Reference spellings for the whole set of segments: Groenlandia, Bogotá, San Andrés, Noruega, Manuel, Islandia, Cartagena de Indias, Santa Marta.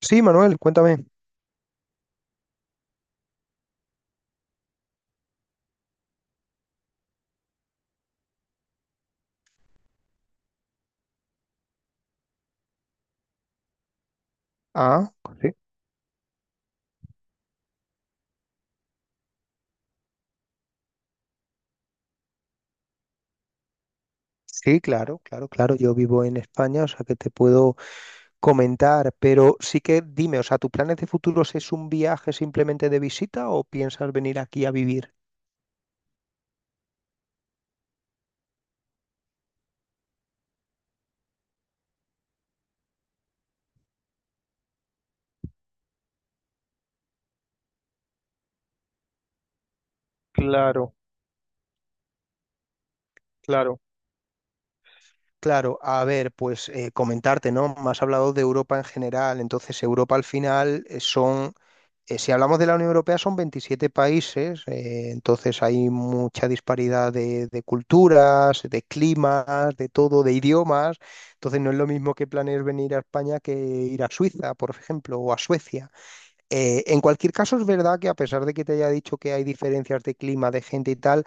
Sí, Manuel, cuéntame. Ah, sí. Sí, claro, claro, claro. Yo vivo en España, o sea que te puedo comentar, pero sí que dime, o sea, ¿tus planes de futuros es un viaje simplemente de visita o piensas venir aquí a vivir? Claro, claro. Claro, a ver, pues comentarte, ¿no? Me has hablado de Europa en general, entonces Europa al final son si hablamos de la Unión Europea, son 27 países, entonces hay mucha disparidad de culturas, de climas, de todo, de idiomas. Entonces no es lo mismo que planees venir a España que ir a Suiza, por ejemplo, o a Suecia. En cualquier caso, es verdad que a pesar de que te haya dicho que hay diferencias de clima, de gente y tal,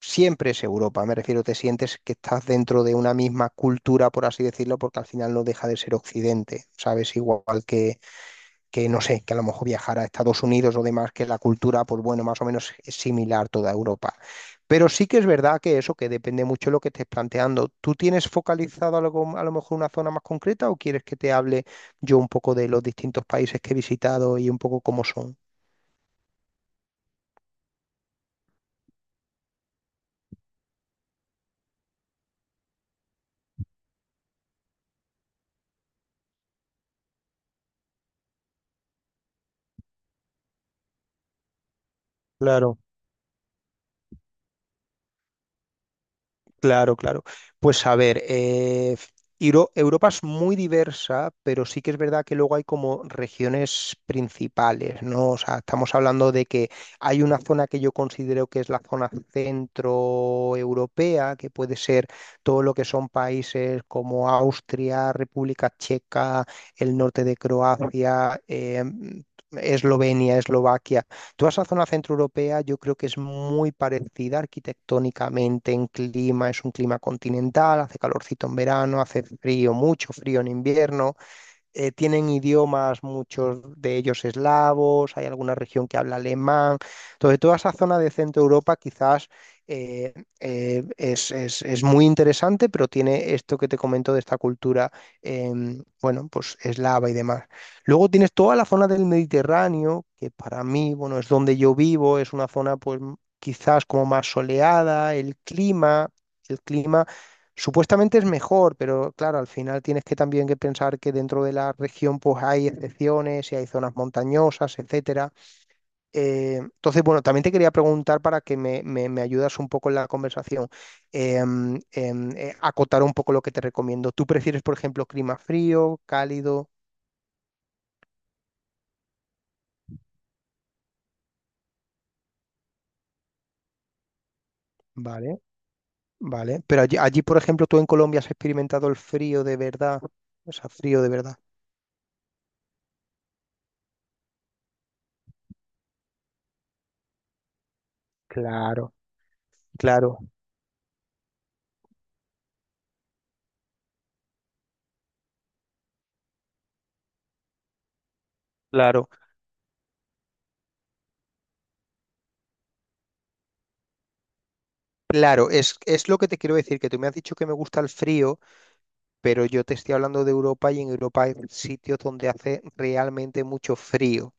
siempre es Europa. Me refiero, te sientes que estás dentro de una misma cultura, por así decirlo, porque al final no deja de ser Occidente, ¿sabes? Igual que no sé, que a lo mejor viajar a Estados Unidos o demás, que la cultura, pues bueno, más o menos es similar toda Europa. Pero sí que es verdad que eso, que depende mucho de lo que estés planteando. ¿Tú tienes focalizado algo, a lo mejor una zona más concreta o quieres que te hable yo un poco de los distintos países que he visitado y un poco cómo son? Claro. Claro, claro. Pues a ver, Europa es muy diversa, pero sí que es verdad que luego hay como regiones principales, ¿no? O sea, estamos hablando de que hay una zona que yo considero que es la zona centroeuropea, que puede ser todo lo que son países como Austria, República Checa, el norte de Croacia, Eslovenia, Eslovaquia. Toda esa zona centroeuropea yo creo que es muy parecida arquitectónicamente en clima, es un clima continental, hace calorcito en verano, hace frío, mucho frío en invierno, tienen idiomas, muchos de ellos eslavos, hay alguna región que habla alemán. Entonces, toda esa zona de Centro Europa quizás eh, es muy interesante, pero tiene esto que te comento de esta cultura, bueno, pues eslava y demás. Luego tienes toda la zona del Mediterráneo, que para mí, bueno, es donde yo vivo, es una zona pues quizás como más soleada, el clima supuestamente es mejor, pero claro, al final tienes que también que pensar que dentro de la región pues hay excepciones y hay zonas montañosas, etcétera. Entonces, bueno, también te quería preguntar para que me ayudas un poco en la conversación, eh, em, acotar un poco lo que te recomiendo. ¿Tú prefieres, por ejemplo, clima frío, cálido? Vale, vale. Pero allí, por ejemplo, tú en Colombia has experimentado el frío de verdad, o sea, frío de verdad. Claro, claro, claro. Claro, es lo que te quiero decir, que tú me has dicho que me gusta el frío, pero yo te estoy hablando de Europa y en Europa hay sitios donde hace realmente mucho frío.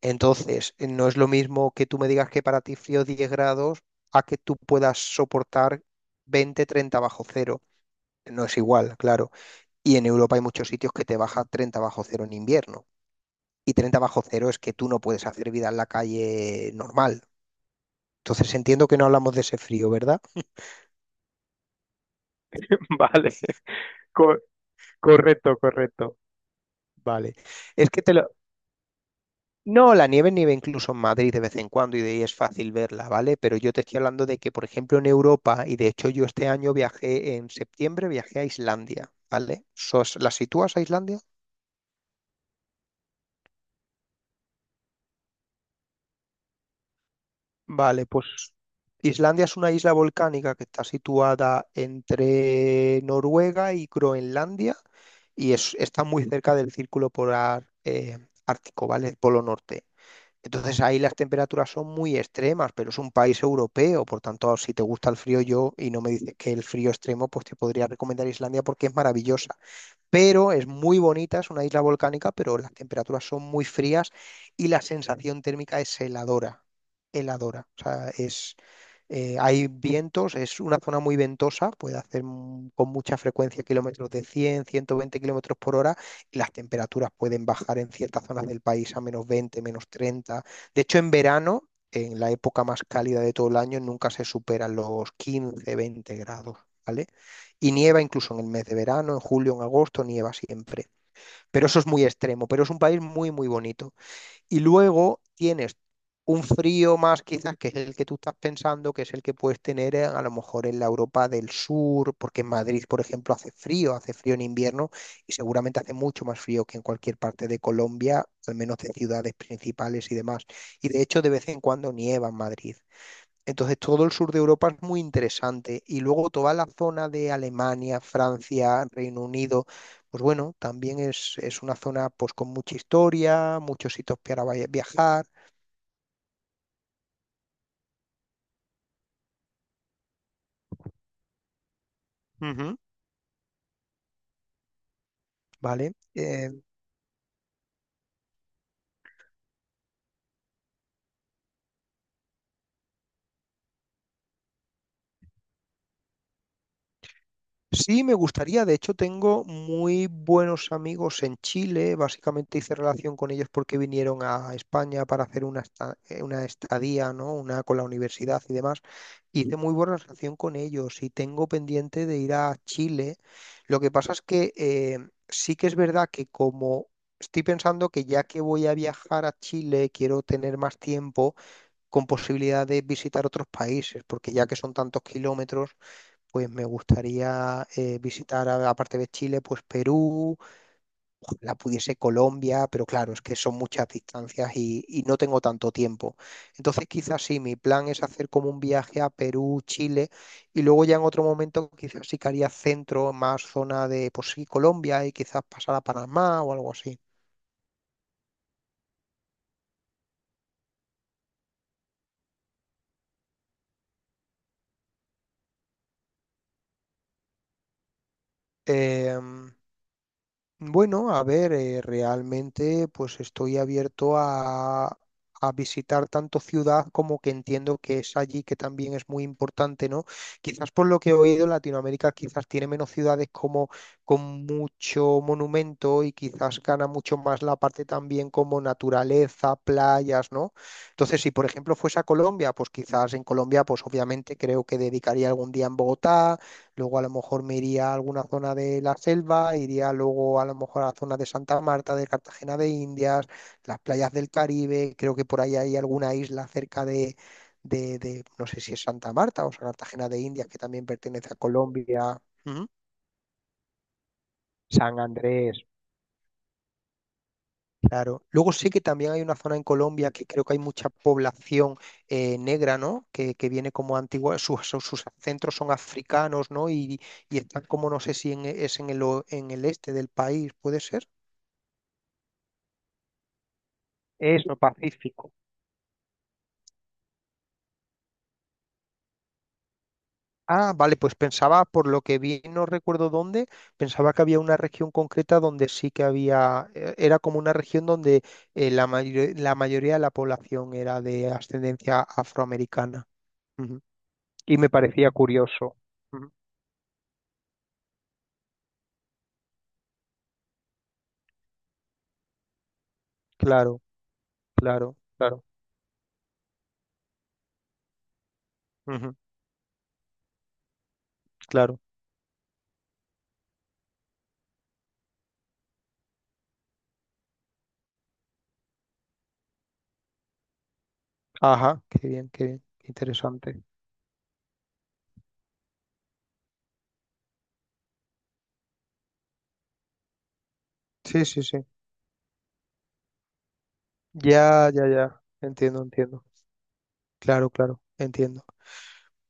Entonces, no es lo mismo que tú me digas que para ti frío 10 grados a que tú puedas soportar 20, 30 bajo cero. No es igual, claro. Y en Europa hay muchos sitios que te baja 30 bajo cero en invierno. Y 30 bajo cero es que tú no puedes hacer vida en la calle normal. Entonces, entiendo que no hablamos de ese frío, ¿verdad? Vale, co- correcto, correcto. Vale. Es que te lo... No, la nieve nieve incluso en Madrid de vez en cuando y de ahí es fácil verla, ¿vale? Pero yo te estoy hablando de que, por ejemplo, en Europa, y de hecho yo este año viajé, en septiembre viajé a Islandia, ¿vale? ¿La sitúas a Islandia? Vale, pues Islandia es una isla volcánica que está situada entre Noruega y Groenlandia y está muy cerca del círculo polar ártico, ¿vale? El Polo Norte. Entonces ahí las temperaturas son muy extremas, pero es un país europeo, por tanto, si te gusta el frío yo y no me dices que el frío extremo, pues te podría recomendar Islandia porque es maravillosa, pero es muy bonita, es una isla volcánica, pero las temperaturas son muy frías y la sensación térmica es heladora, heladora. O sea, hay vientos, es una zona muy ventosa, puede hacer, con mucha frecuencia, kilómetros de 100, 120 kilómetros por hora y las temperaturas pueden bajar en ciertas zonas del país a menos 20, menos 30. De hecho, en verano, en la época más cálida de todo el año, nunca se superan los 15, 20 grados. ¿Vale? Y nieva incluso en el mes de verano, en julio, en agosto, nieva siempre. Pero eso es muy extremo, pero es un país muy, muy bonito. Y luego tienes un frío más quizás que es el que tú estás pensando, que es el que puedes tener, a lo mejor en la Europa del Sur, porque en Madrid, por ejemplo, hace frío en invierno y seguramente hace mucho más frío que en cualquier parte de Colombia, al menos de ciudades principales y demás. Y de hecho de vez en cuando nieva en Madrid. Entonces todo el sur de Europa es muy interesante y luego toda la zona de Alemania, Francia, Reino Unido, pues bueno, también es una zona pues con mucha historia, muchos sitios para viajar. Ujú. ¿Vale? Sí, me gustaría, de hecho tengo muy buenos amigos en Chile, básicamente hice relación con ellos porque vinieron a España para hacer una estadía, ¿no? Una con la universidad y demás. Hice muy buena relación con ellos y tengo pendiente de ir a Chile. Lo que pasa es que sí que es verdad que como estoy pensando que ya que voy a viajar a Chile, quiero tener más tiempo con posibilidad de visitar otros países, porque ya que son tantos kilómetros, pues me gustaría visitar, aparte de Chile, pues Perú, la pudiese Colombia, pero claro, es que son muchas distancias y no tengo tanto tiempo. Entonces, quizás sí, mi plan es hacer como un viaje a Perú, Chile, y luego ya en otro momento quizás sí que haría centro, más zona de, pues sí, Colombia y quizás pasar a Panamá o algo así. Em, Bueno, a ver, realmente pues estoy abierto a visitar tanto ciudad como que entiendo que es allí que también es muy importante, ¿no? Quizás por lo que he oído, Latinoamérica quizás tiene menos ciudades como con mucho monumento y quizás gana mucho más la parte también como naturaleza, playas, ¿no? Entonces, si por ejemplo fuese a Colombia, pues quizás en Colombia, pues obviamente creo que dedicaría algún día en Bogotá. Luego a lo mejor me iría a alguna zona de la selva, iría luego a lo mejor a la zona de Santa Marta, de Cartagena de Indias, las playas del Caribe, creo que por ahí hay alguna isla cerca de, no sé si es Santa Marta o sea, Cartagena de Indias, que también pertenece a Colombia. Ujú. San Andrés. Claro. Luego sé que también hay una zona en Colombia que creo que hay mucha población, negra, ¿no? Que viene como antigua, sus ancestros son africanos, ¿no? Y están como, no sé si es en el, o- en el este del país, ¿puede ser? Eso, Pacífico. Ah, vale, pues pensaba, por lo que vi, no recuerdo dónde, pensaba que había una región concreta donde sí que había, era como una región donde la mayoría de la población era de ascendencia afroamericana. Ujú. Y me parecía curioso. Claro, claro, claro, ujú, claro. Ajá, qué bien, interesante. Sí, sí, sí. Ya, ya, ya. Entiendo, entiendo. Claro, claro, entiendo.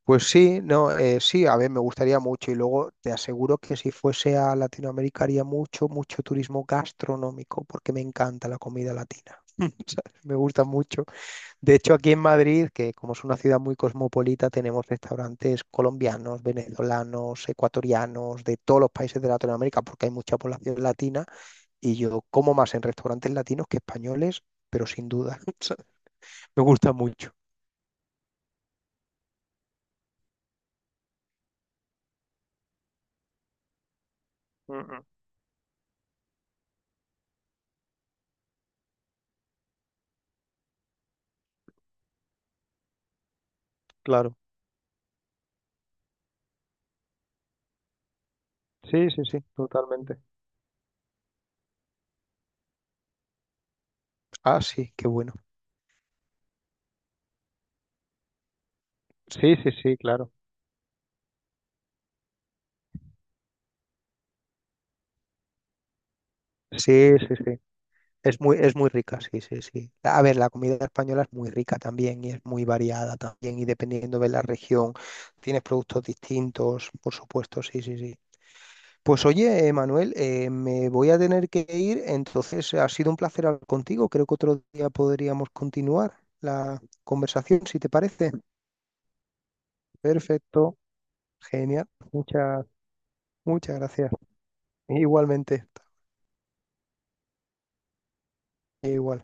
Pues sí, no, sí, a ver, me gustaría mucho. Y luego te aseguro que si fuese a Latinoamérica haría mucho, mucho turismo gastronómico, porque me encanta la comida latina. ¿Sabes? Me gusta mucho. De hecho, aquí en Madrid, que como es una ciudad muy cosmopolita, tenemos restaurantes colombianos, venezolanos, ecuatorianos, de todos los países de Latinoamérica, porque hay mucha población latina, y yo como más en restaurantes latinos que españoles, pero sin duda, o sea, me gusta mucho. Mm, mm, claro. Sí, sí, sí, totalmente. Ah, sí, qué bueno. Sí, sí, sí, claro. Sí, sí, sí. Es muy rica, sí, sí, sí. A ver, la comida española es muy rica también y es muy variada también y dependiendo de la región tienes productos distintos, por supuesto, sí, sí, sí. Pues oye, Manuel, me voy a tener que ir, entonces ha sido un placer hablar contigo. Creo que otro día podríamos continuar la conversación, si te parece. Perfecto, genial. Muchas, muchas gracias. Igualmente, igual.